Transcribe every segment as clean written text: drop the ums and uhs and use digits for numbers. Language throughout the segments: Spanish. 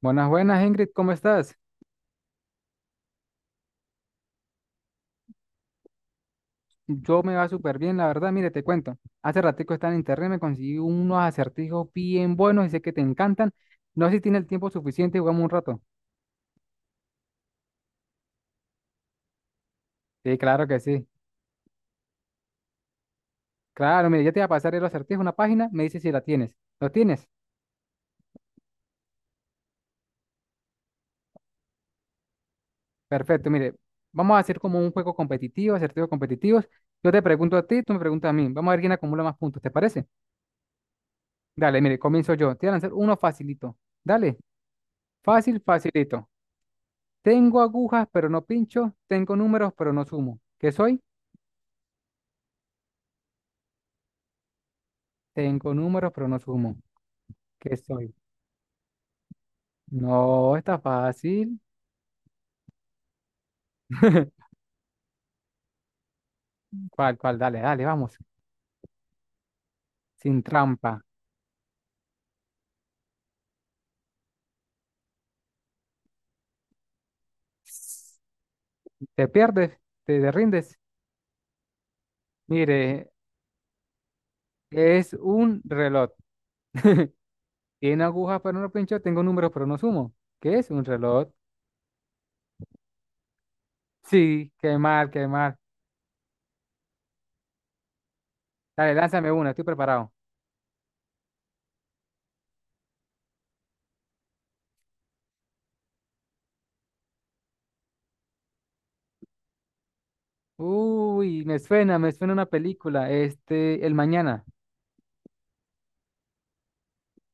Buenas, buenas, Ingrid, ¿cómo estás? Yo me va súper bien, la verdad, mire, te cuento. Hace ratico estaba en internet, me conseguí unos acertijos bien buenos y sé que te encantan. No sé si tienes el tiempo suficiente, y jugamos un rato. Sí, claro que sí. Claro, mire, ya te voy a pasar el acertijo, una página, me dices si la tienes. ¿Lo tienes? Perfecto, mire, vamos a hacer como un juego competitivo, acertijos competitivos. Yo te pregunto a ti, tú me preguntas a mí. Vamos a ver quién acumula más puntos, ¿te parece? Dale, mire, comienzo yo. Te voy a lanzar uno facilito. Dale, fácil, facilito. Tengo agujas, pero no pincho. Tengo números, pero no sumo. ¿Qué soy? Tengo números, pero no sumo. ¿Qué soy? No, está fácil. ¿Cuál, cuál? Dale, dale, vamos. Sin trampa. Te pierdes, te rindes. Mire, es un reloj. Tiene agujas, pero no pincho. Tengo números, pero no sumo. ¿Qué es un reloj? Sí, qué mal, qué mal. Dale, lánzame una, estoy preparado. Uy, me suena una película. Este, El Mañana.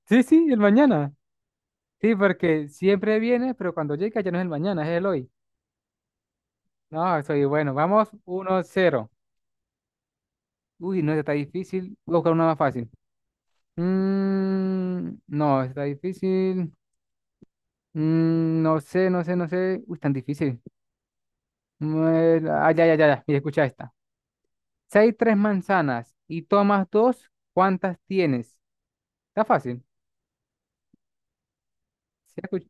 Sí, sí, El Mañana. Sí, porque siempre viene, pero cuando llega ya no es el mañana, es el hoy. No, soy bueno. Vamos uno cero. Uy, no, esta está difícil. Voy a buscar una más fácil. Mm, no, esta está difícil. Mm, no sé, no sé, no sé. Uy, tan difícil. Ya, ya, ya, ya. Mira, escucha esta. Si hay tres manzanas y tomas dos, ¿cuántas tienes? Está fácil. Si, escu-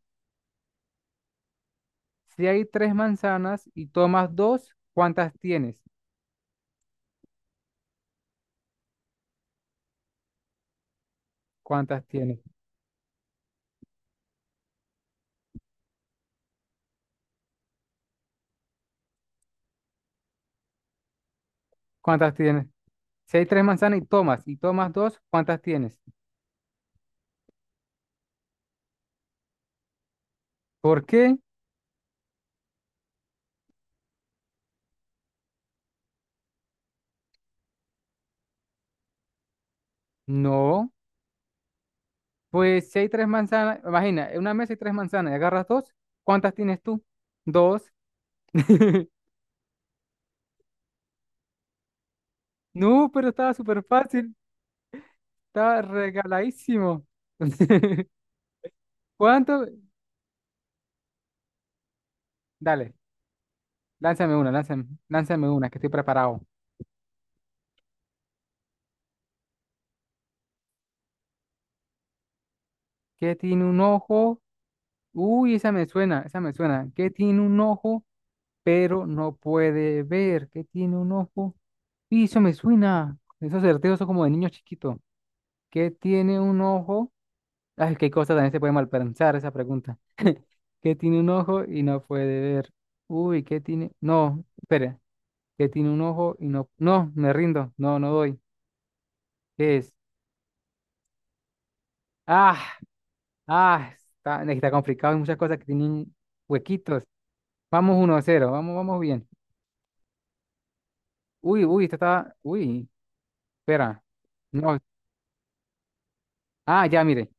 si hay tres manzanas y tomas dos, ¿cuántas tienes? ¿Cuántas tienes? ¿Cuántas tienes? Si hay tres manzanas y tomas dos, ¿cuántas tienes? ¿Por qué? No. Pues si hay tres manzanas, imagina, en una mesa hay tres manzanas y agarras dos, ¿cuántas tienes tú? Dos. No, pero estaba súper fácil, estaba regaladísimo. ¿Cuánto? Dale, lánzame una, lánzame una, que estoy preparado. ¿Qué tiene un ojo? Uy, esa me suena, esa me suena. ¿Qué tiene un ojo? Pero no puede ver, que tiene un ojo. Y eso me suena, esos certeos son como de niño chiquito, que tiene un ojo. Ay, qué cosa también se puede malpensar esa pregunta. Qué tiene un ojo y no puede ver. Uy, ¿qué tiene? No, espera, qué tiene un ojo y no. No, me rindo, no, no doy. ¿Qué es? Ah, está, está complicado, hay muchas cosas que tienen huequitos. Vamos 1 cero, vamos, vamos bien. Esta está. Uy, espera. No, ah, ya, mire.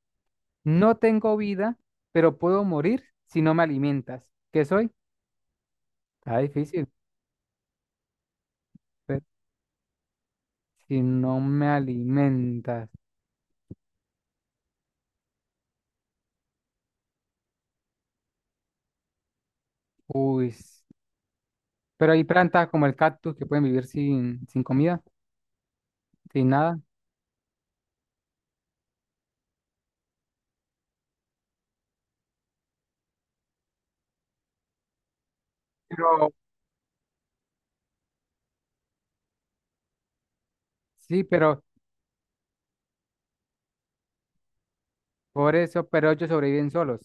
No tengo vida, pero puedo morir si no me alimentas. ¿Qué soy? Está difícil. Pero si no me alimentas. Uy. Pero hay plantas como el cactus que pueden vivir sin comida, sin nada. Pero sí, pero por eso, pero ellos sobreviven solos.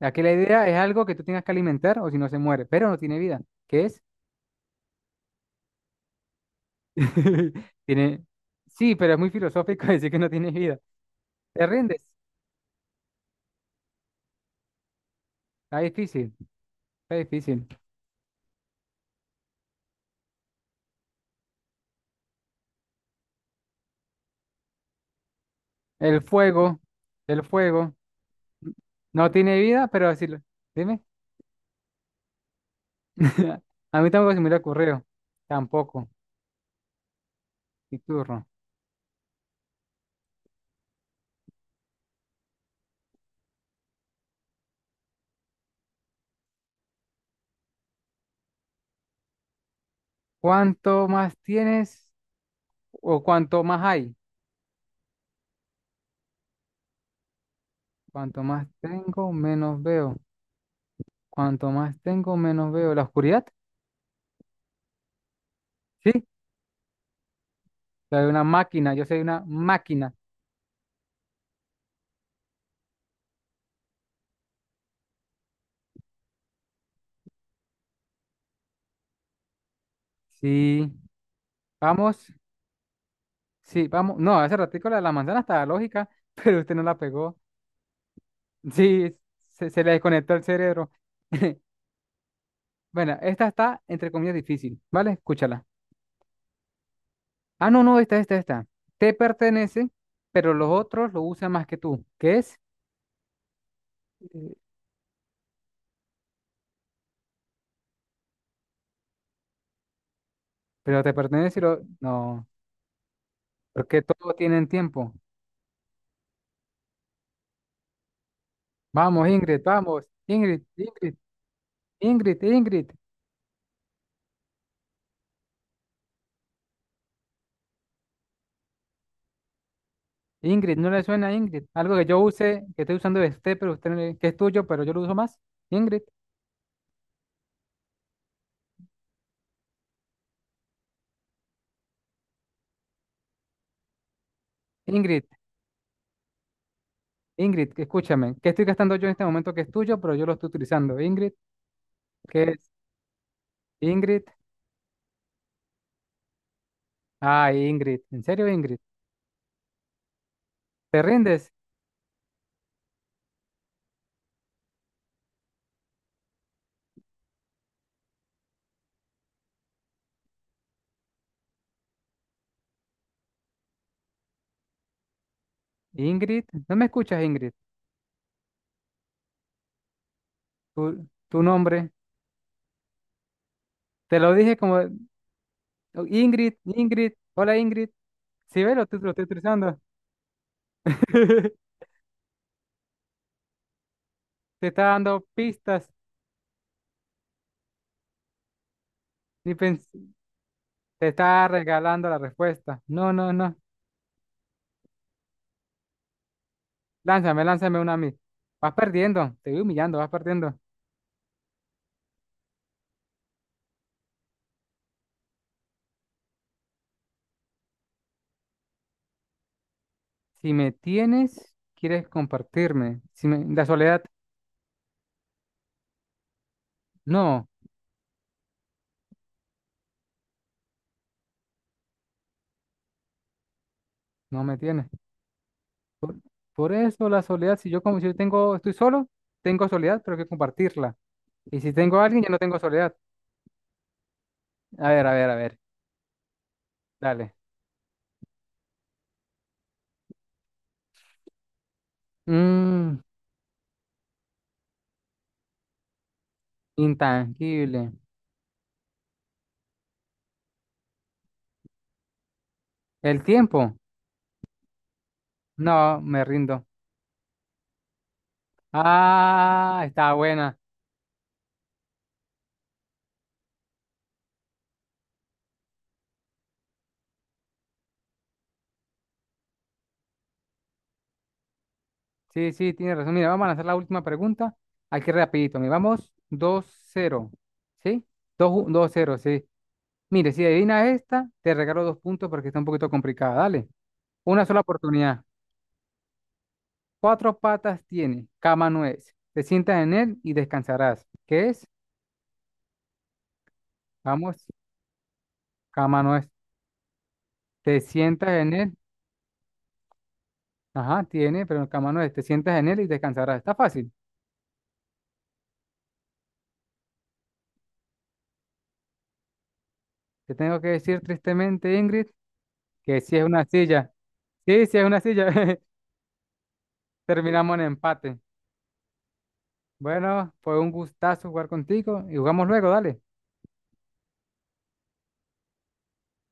Aquí la idea es algo que tú tengas que alimentar o si no se muere, pero no tiene vida. ¿Qué es? Tiene. Sí, pero es muy filosófico decir que no tiene vida. ¿Te rindes? Está difícil, está difícil. El fuego, el fuego. No tiene vida, pero decirlo. Dime. A mí tampoco se me le ocurrió. Tampoco. Mi turno. ¿Cuánto más tienes o cuánto más hay? Cuanto más tengo, menos veo. Cuanto más tengo, menos veo. ¿La oscuridad? Sí. La de una máquina. Yo soy una máquina. Sí. Vamos. Sí, vamos. No, hace ratico la de la manzana estaba lógica, pero usted no la pegó. Sí, se le desconectó el cerebro. Bueno, esta está entre comillas difícil, ¿vale? Escúchala. Ah, no, no, esta. Te pertenece, pero los otros lo usan más que tú. ¿Qué es? Eh, Pero te pertenece y lo... No, porque todos tienen tiempo. Vamos. Ingrid, Ingrid, Ingrid, Ingrid. Ingrid, ¿no le suena a Ingrid? Algo que yo use, que estoy usando de usted, pero usted no le- que es tuyo, pero yo lo uso más. Ingrid, Ingrid, Ingrid, que escúchame. ¿Qué estoy gastando yo en este momento que es tuyo, pero yo lo estoy utilizando? Ingrid, ¿qué es? Ingrid. Ah Ingrid. ¿En serio, Ingrid? ¿Te rindes? Ingrid, ¿no me escuchas, Ingrid? Tu nombre. Te lo dije como Ingrid, Ingrid, hola Ingrid. Si ves, lo estoy utilizando. Te está dando pistas y pens- te está regalando la respuesta. No, no, no. Lánzame, lánzame una a mí. Vas perdiendo, te voy humillando, vas perdiendo. Si me tienes, quieres compartirme. La soledad, no, no me tienes. Por, por eso la soledad, si yo como si yo tengo, estoy solo, tengo soledad, pero hay que compartirla. Y si tengo a alguien, ya no tengo soledad. A ver, a ver, a ver. Dale. Mm, intangible. ¿El tiempo? No, me rindo. Ah, está buena. Sí, sí, tiene razón. Mira, vamos a lanzar la última pregunta. Aquí rapidito. Mira, vamos 2-0. ¿Sí? Dos cero, sí, 2 dos cero, sí. Mire, si adivinas esta, te regalo dos puntos porque está un poquito complicada. Dale. Una sola oportunidad. Cuatro patas tiene, cama no es. Te sientas en él y descansarás. ¿Qué es? Vamos, cama no es. Te sientas en él. Ajá, tiene, pero el camano es, te sientas en él y descansarás. Está fácil. Te tengo que decir tristemente, Ingrid, que sí es una silla. Sí, sí es una silla. Terminamos en empate. Bueno, fue un gustazo jugar contigo y jugamos luego, dale.